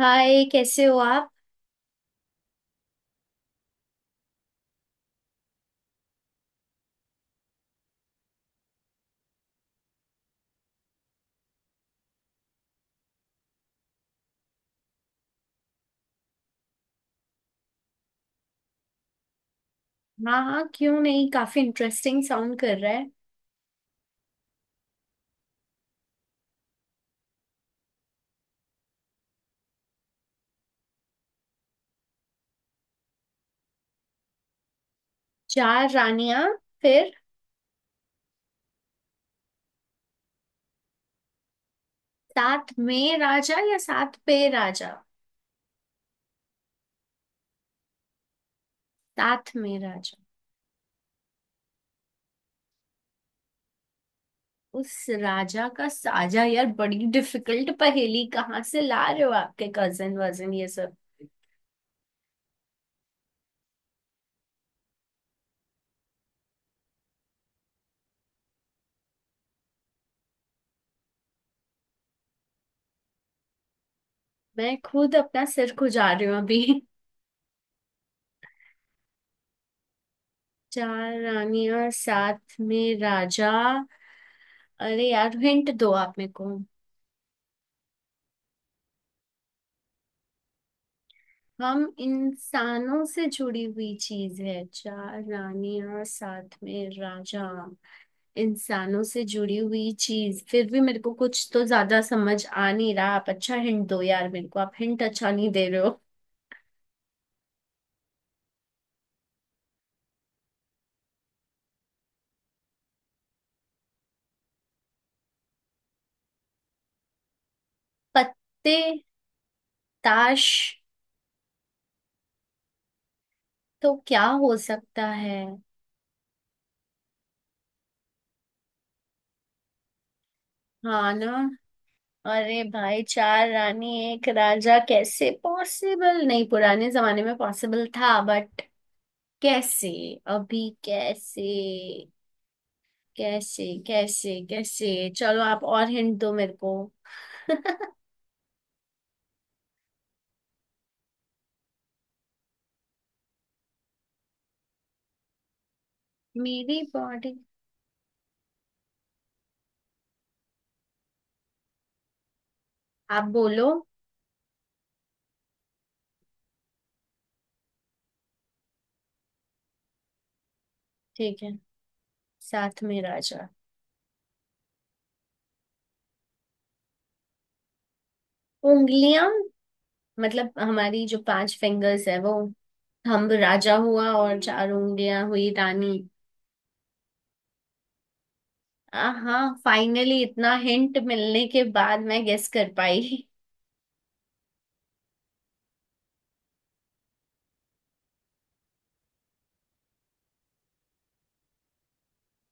हाय, कैसे हो आप। हाँ हाँ, क्यों नहीं। काफी इंटरेस्टिंग साउंड कर रहा है। चार रानियां, फिर साथ में राजा या साथ पे राजा। साथ में राजा। उस राजा का साजा। यार बड़ी डिफिकल्ट पहेली, कहाँ से ला रहे हो आपके कजन वजन ये सब। मैं खुद अपना सिर खुजा रही हूँ अभी। चार रानियां साथ में राजा। अरे यार, हिंट दो आप मेरे को। हम इंसानों से जुड़ी हुई चीज है? चार रानियां साथ में राजा, इंसानों से जुड़ी हुई चीज, फिर भी मेरे को कुछ तो ज्यादा समझ आ नहीं रहा। आप अच्छा हिंट दो यार मेरे को, आप हिंट अच्छा नहीं दे रहे हो। पत्ते। ताश। तो क्या हो सकता है? हाँ ना। अरे भाई, चार रानी एक राजा कैसे पॉसिबल। नहीं, पुराने जमाने में पॉसिबल था बट कैसे? अभी कैसे कैसे कैसे कैसे, चलो आप और हिंट दो मेरे को। मेरी बॉडी? आप बोलो। ठीक है, साथ में राजा। उंगलियां। मतलब हमारी जो पांच फिंगर्स है वो, थंब राजा हुआ और चार उंगलियां हुई रानी। हाँ, फाइनली इतना हिंट मिलने के बाद मैं गेस कर पाई।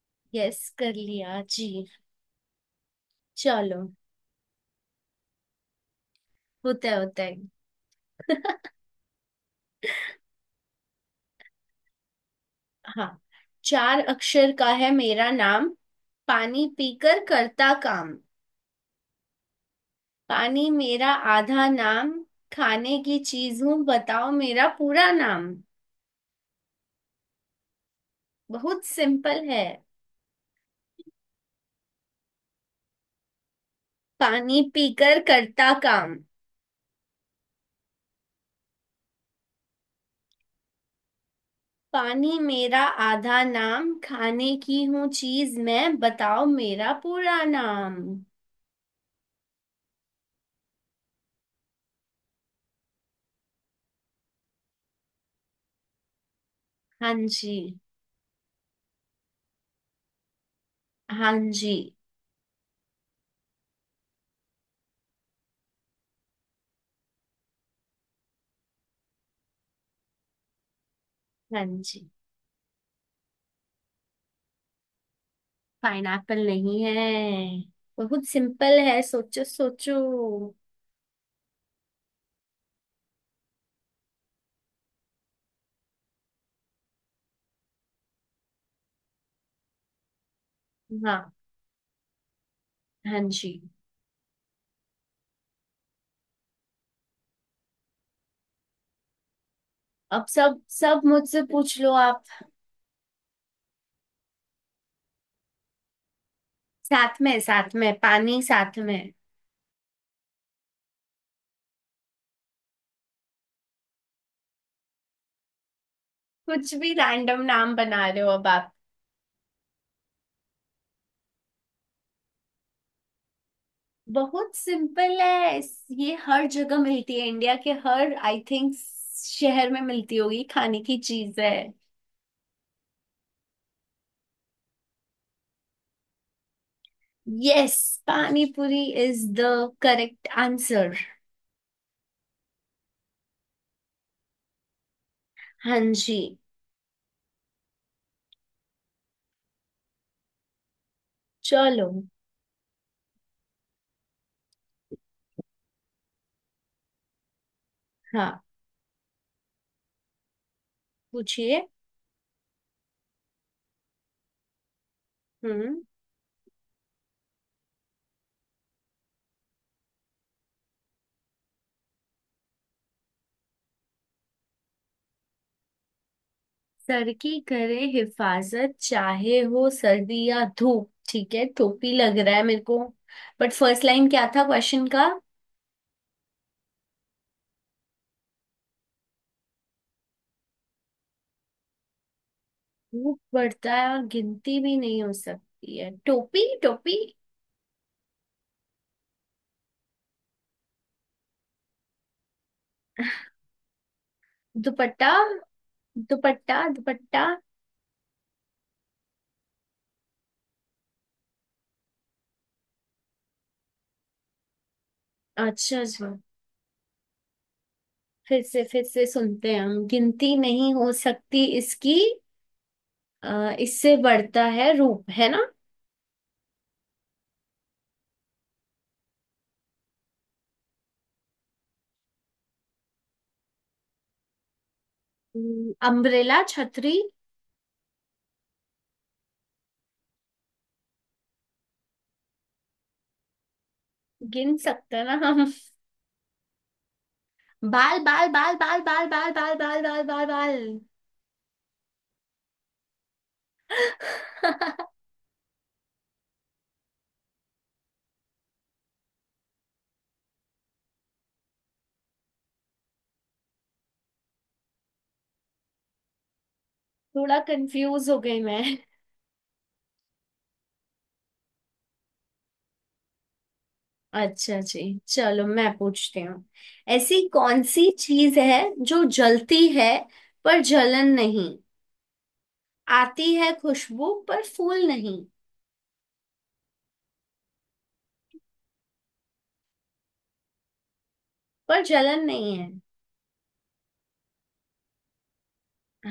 गेस कर लिया जी। चलो होता है होता है। हाँ। चार अक्षर का है मेरा नाम, पानी पीकर करता काम। पानी मेरा आधा नाम, खाने की चीज हूँ, बताओ मेरा पूरा नाम। बहुत सिंपल है। पानी पीकर करता काम, पानी मेरा आधा नाम, खाने की हूँ चीज मैं, बताओ मेरा पूरा नाम। हाँ जी, हाँ जी। हाँ जी। पाइनएप्पल नहीं है, बहुत सिंपल है, सोचो सोचो। हाँ, हाँ जी। अब सब सब मुझसे पूछ लो आप। साथ में, साथ में पानी साथ में। कुछ भी रैंडम नाम बना रहे हो अब आप। बहुत सिंपल है। ये हर जगह मिलती है, इंडिया के हर आई थिंक शहर में मिलती होगी, खाने की चीज है। Yes, pani puri is the correct answer. हाँ जी। चलो। हाँ पूछिए। हम्म सर की करे हिफाजत चाहे हो सर्दी या धूप, ठीक है टोपी लग रहा है मेरे को, बट फर्स्ट लाइन क्या था क्वेश्चन का? धूप बढ़ता है और गिनती भी नहीं हो सकती है। टोपी, टोपी। दुपट्टा। दुपट्टा दुपट्टा। अच्छा अच्छा। फिर से सुनते हैं हम, गिनती नहीं हो सकती इसकी, इससे बढ़ता है रूप, है ना? अम्ब्रेला, छतरी। गिन सकते हैं ना हम। बाल बाल बाल बाल बाल बाल बाल बाल बाल बाल बाल। थोड़ा कंफ्यूज हो गई मैं। अच्छा जी, चलो मैं पूछती हूँ। ऐसी कौन सी चीज है जो जलती है पर जलन नहीं, आती है खुशबू पर फूल नहीं। पर जलन नहीं है।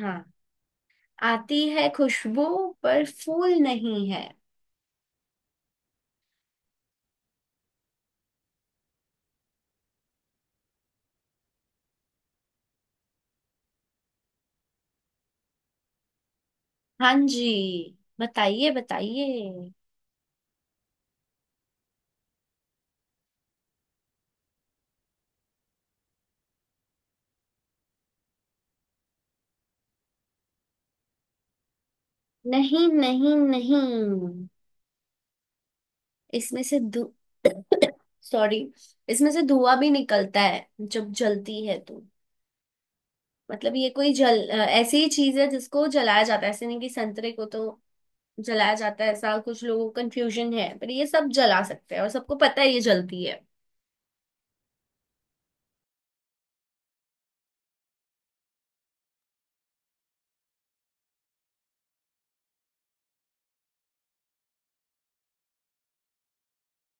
हाँ। आती है खुशबू, पर फूल नहीं है। हाँ जी, बताइए बताइए। नहीं नहीं नहीं। इसमें से दू, सॉरी, इसमें से धुआं भी निकलता है जब जलती है तो। मतलब ये कोई ऐसी ही चीज है जिसको जलाया जाता है, ऐसे नहीं कि संतरे को तो जलाया जाता है, ऐसा कुछ लोगों को कंफ्यूजन है। पर ये सब जला सकते हैं और सबको पता है ये जलती है,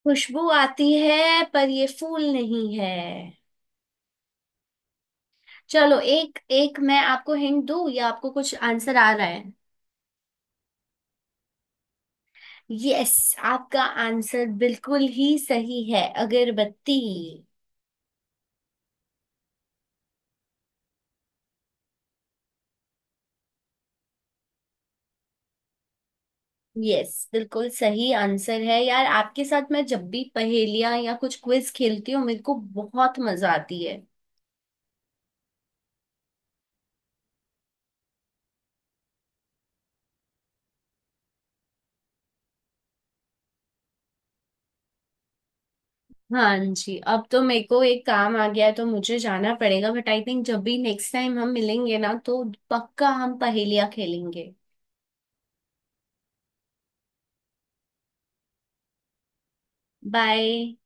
खुशबू आती है पर ये फूल नहीं है। चलो, एक एक मैं आपको हिंट दूं या आपको कुछ आंसर आ रहा है? यस, आपका आंसर बिल्कुल ही सही है, अगरबत्ती। यस, बिल्कुल सही आंसर है यार। आपके साथ मैं जब भी पहेलियां या कुछ क्विज खेलती हूँ, मेरे को बहुत मजा आती है। हाँ जी, अब तो मेरे को एक काम आ गया है तो मुझे जाना पड़ेगा, बट आई थिंक जब भी नेक्स्ट टाइम हम मिलेंगे ना, तो पक्का हम पहेलियां खेलेंगे। बाय।